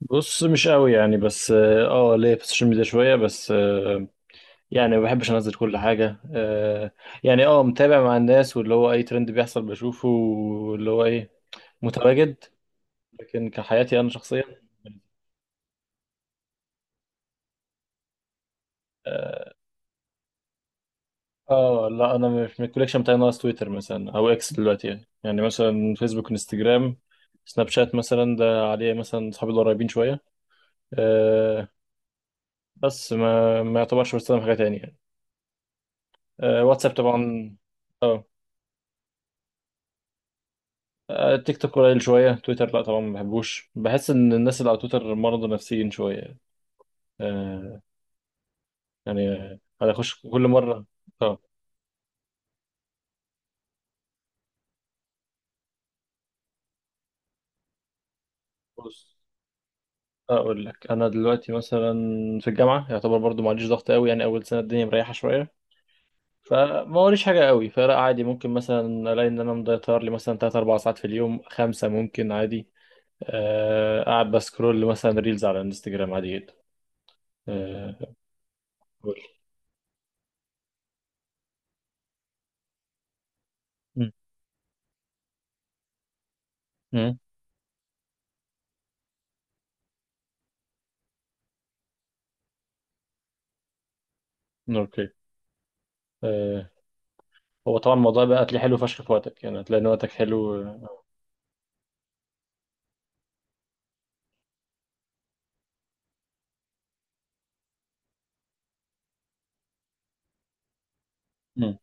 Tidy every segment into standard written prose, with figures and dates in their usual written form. بص، مش قوي يعني بس آه، ليا في السوشيال ميديا شويه بس يعني ما بحبش انزل كل حاجه يعني متابع مع الناس، واللي هو اي ترند بيحصل بشوفه واللي هو ايه متواجد. لكن كحياتي انا شخصيا اه آه، لا انا مش من الكوليكشن، بتاعي ناقص تويتر مثلا او اكس دلوقتي، يعني مثلا فيسبوك، انستجرام، سناب شات مثلا ده عليه مثلا اصحابي القريبين شويه آه بس ما يعتبرش بستخدم حاجه تانية يعني. آه، واتساب طبعا. آه، آه، تيك توك قليل شوية، تويتر لا طبعا ما بحبوش، بحس إن الناس اللي على تويتر مرضى نفسيين شوية. آه، يعني أنا أخش كل مرة. أه. بص، أقول لك أنا دلوقتي مثلا في الجامعة يعتبر برضو معليش ضغط قوي، يعني أول سنة الدنيا مريحة شوية، فما وريش حاجة قوي، فلا عادي ممكن مثلا ألاقي إن أنا مضيطر لي مثلا تلات أربع ساعات في اليوم، خمسة ممكن عادي. آه، قاعد بسكرول مثلا ريلز على الانستجرام عادي جدا. آه، قول. م- م- أوكي. آه، هو طبعا الموضوع بقى هتلاقيه حلو فشخ في وقتك، يعني هتلاقي ان وقتك حلو. امم.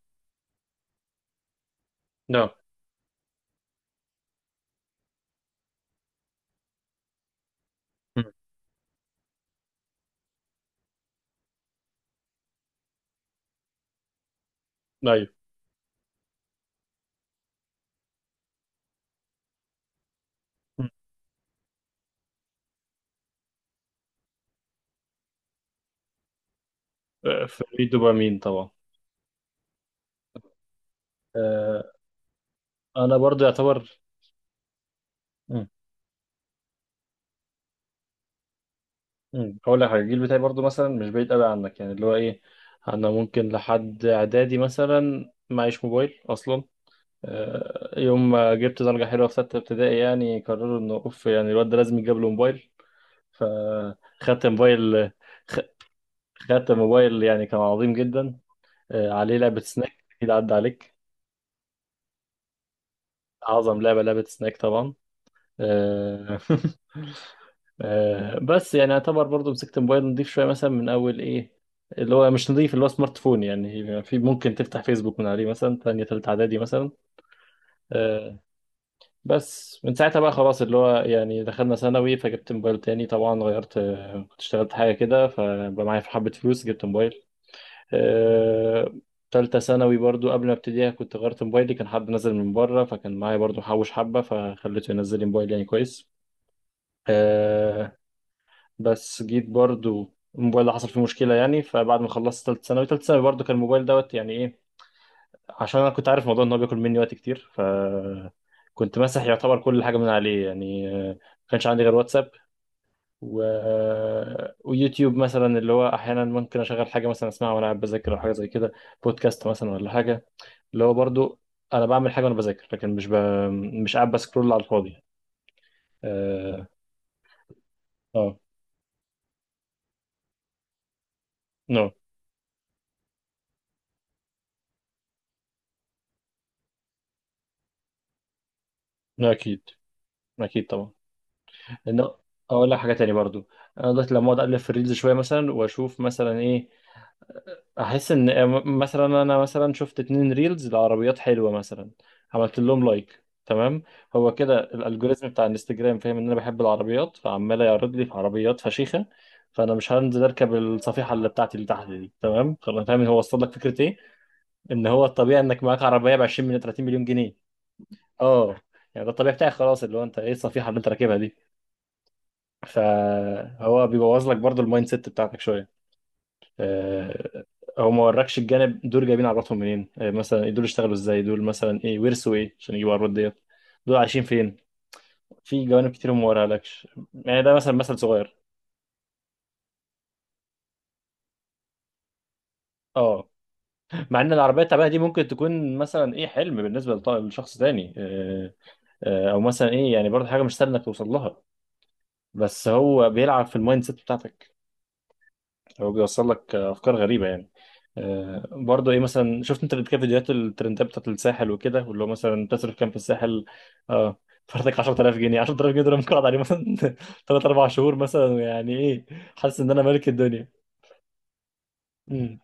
نعم. مم. ايوه. مم. آه، في دوبامين طبعا. آه، انا برضو يعتبر. مم. مم. هقول لك حاجه، الجيل بتاعي برضو مثلا مش بعيد قوي عنك يعني اللي هو ايه، انا ممكن لحد اعدادي مثلا معيش موبايل اصلا. آه، يوم ما جبت درجه حلوه في سته ابتدائي يعني قرروا انه اوف، يعني الواد ده لازم يتجاب له موبايل، فخدت موبايل. خ- خدت موبايل يعني كان عظيم جدا. آه، عليه لعبه سناك اكيد عدى عليك. أعظم لعبة سناك طبعا. آه، آه، بس يعني اعتبر برضو مسكت موبايل نضيف شوية مثلا من أول إيه، اللي هو مش نضيف، اللي هو سمارت فون يعني في ممكن تفتح فيسبوك من عليه مثلا تانية تالتة إعدادي مثلا. آه. بس من ساعتها بقى خلاص اللي هو يعني دخلنا ثانوي، فجبت موبايل تاني طبعا، غيرت كنت اشتغلت حاجة كده فبقى معايا حبة فلوس، جبت موبايل. آه. تالتة ثانوي برضو قبل ما ابتديها كنت غيرت موبايلي، كان حد نزل من بره فكان معايا برضو حوش حبة فخليته ينزل لي موبايل يعني كويس. آه. بس جيت برضو الموبايل ده حصل فيه مشكلة يعني، فبعد ما خلصت تالتة ثانوي، تالتة ثانوي برضو كان الموبايل دوت يعني ايه، عشان انا كنت عارف موضوع ان هو بياكل مني وقت كتير، ف كنت ماسح يعتبر كل حاجة من عليه يعني ما كانش عندي غير واتساب و... آه، ويوتيوب مثلا، اللي هو احيانا ممكن اشغل حاجة مثلا اسمعها وانا قاعد بذاكر او حاجة زي كده، بودكاست مثلا ولا حاجة، اللي هو برضو انا بعمل حاجة وانا بذاكر لكن مش مش قاعد بسكرول على الفاضي يعني. اه. اه. نو. نو، اكيد. اكيد طبعا. لان، اقول لك حاجه تاني برضو، انا دلوقتي لما اقعد اقلب في الريلز شويه مثلا واشوف مثلا ايه، احس ان مثلا انا مثلا شفت اتنين ريلز لعربيات حلوه مثلا، عملت لهم لايك تمام. هو كده الالجوريزم بتاع الانستجرام فاهم ان انا بحب العربيات فعمال يعرض لي في عربيات فشيخه، فانا مش هنزل اركب الصفيحه اللي بتاعتي اللي تحت دي تمام خلاص، فاهم هو وصل لك فكره ايه، ان هو الطبيعي انك معاك عربيه ب 20 مليون 30 مليون جنيه. اه. يعني ده الطبيعي بتاعي خلاص، اللي هو انت ايه الصفيحه اللي انت راكبها دي، فهو بيبوظ لك برضو المايند سيت بتاعتك شويه. آه، هو ما وركش الجانب، دول جايبين عرباتهم منين، مثلا إيه دول اشتغلوا ازاي، دول مثلا ايه ورثوا ايه عشان يجيبوا العربات ديت، دول عايشين فين، في جوانب كتير ما وراهالكش، يعني ده مثلا مثل صغير. اه. مع ان العربيه التعبانه دي ممكن تكون مثلا ايه حلم بالنسبه لشخص تاني. او مثلا ايه يعني برضه حاجه مش سهله انك توصل لها. بس هو بيلعب في المايند سيت بتاعتك. هو بيوصل لك افكار غريبه يعني. آه، برضه ايه مثلا شفت انت قبل كده فيديوهات الترندات بتاعت الساحل وكده، واللي هو مثلا تصرف كام في الساحل. اه. فرتك 10000 جنيه 10000 جنيه دول ممكن اقعد عليه مثلا 3 4 شهور مثلا يعني ايه، حاسس ان انا ملك الدنيا. امم.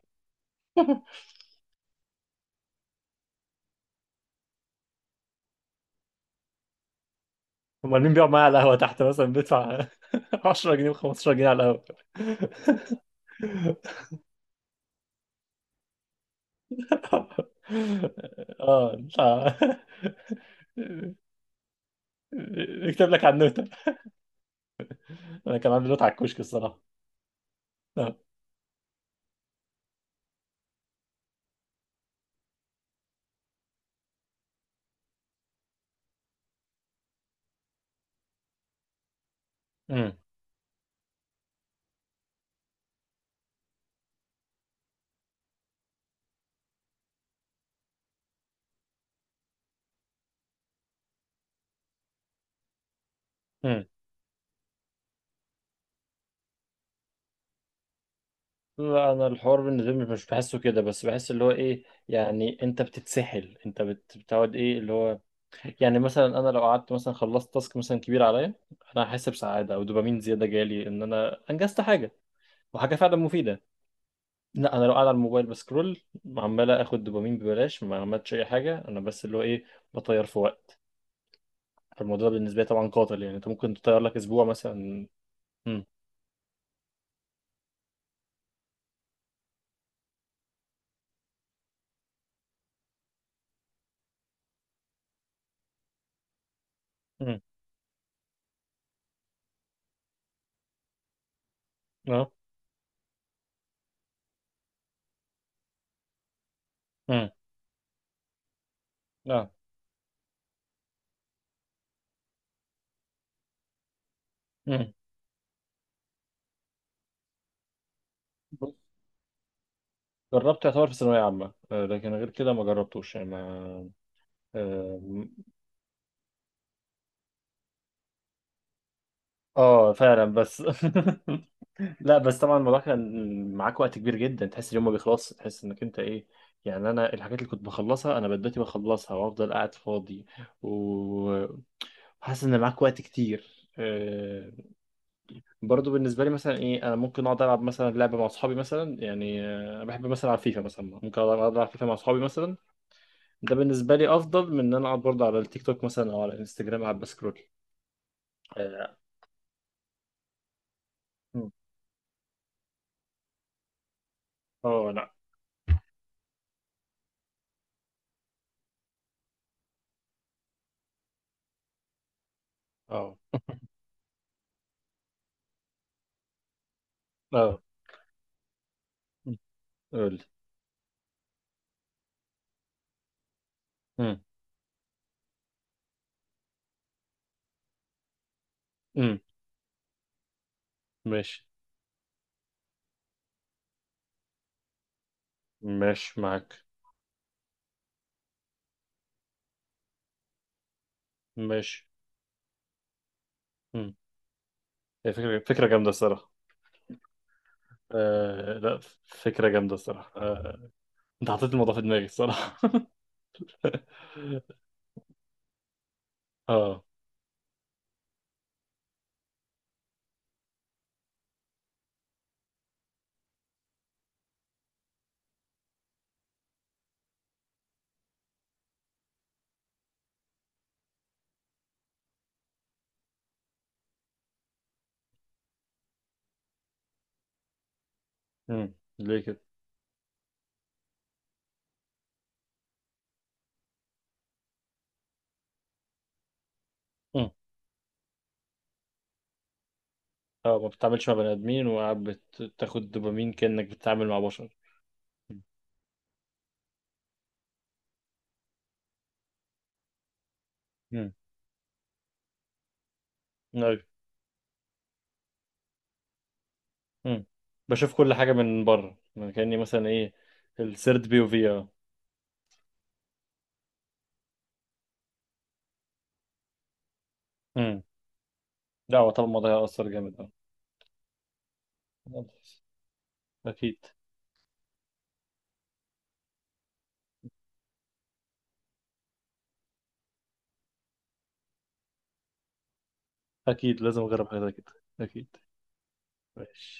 امال مين بيقعد معايا على القهوه تحت مثلا بيدفع 10 جنيه و15 جنيه على القهوه. اه لا. يكتب لك على النوتة، انا كان عندي نوتة على الكشك الصراحه. آه. امم. لا انا الحوار بالنسبه لي مش بحسه كده، بس بحس اللي هو ايه، يعني انت بتتسحل، انت بتقعد ايه اللي هو، يعني مثلا انا لو قعدت مثلا خلصت تاسك مثلا كبير عليا انا هحس بسعاده او دوبامين زياده جالي ان انا انجزت حاجه، وحاجه فعلا مفيده. لا انا لو قاعد على الموبايل بسكرول عمال اخد دوبامين ببلاش، ما عملتش اي حاجه انا بس اللي هو ايه، بطير في وقت، فالموضوع ده بالنسبه لي طبعا قاتل، يعني انت ممكن تطير لك اسبوع مثلا. امم. امم. اه. امم. اه. امم. جربت يعتبر في ثانوية عامة، آه، لكن غير كده ما جربتوش يعني ما. اه. آه، آه، فعلا بس لا بس طبعا الموضوع كان معاك وقت كبير جدا، تحس اليوم ما بيخلصش، تحس انك انت ايه، يعني انا الحاجات اللي كنت بخلصها انا بدأت بخلصها وافضل قاعد فاضي و- وحاسس ان معاك وقت كتير. آه، برضو بالنسبة لي مثلا ايه انا ممكن اقعد العب مثلا لعبة مع اصحابي مثلا، يعني بحب مثلا العب فيفا مثلا، ممكن اقعد العب فيفا مع اصحابي مثلا، ده بالنسبه لي افضل من ان انا اقعد برضه على التيك توك مثلا او على الانستجرام قاعد بسكرول. اه. مم. آه، لا. اه. اه. مم. قول لي. مم. مم. ماشي. ماشي معاك. ماشي. مم. هي فكره، فكره جامده الصراحه. لا. فكره جامده الصراحه آه. انت حطيت الموضوع في دماغي الصراحه. اه. مم. ليه كده. مم. اه، ما بتتعاملش مع بني ادمين وقاعد بتاخد دوبامين كانك بتتعامل مع بشر. مم. مم. طيب. مم. بشوف كل حاجة من بره، من كأني مثلا ايه السيرد بي، وفي مم. لا هو طبعا الموضوع هيأثر جامد. اه. أكيد. أكيد لازم أجرب حاجة زي كده. أكيد. ماشي.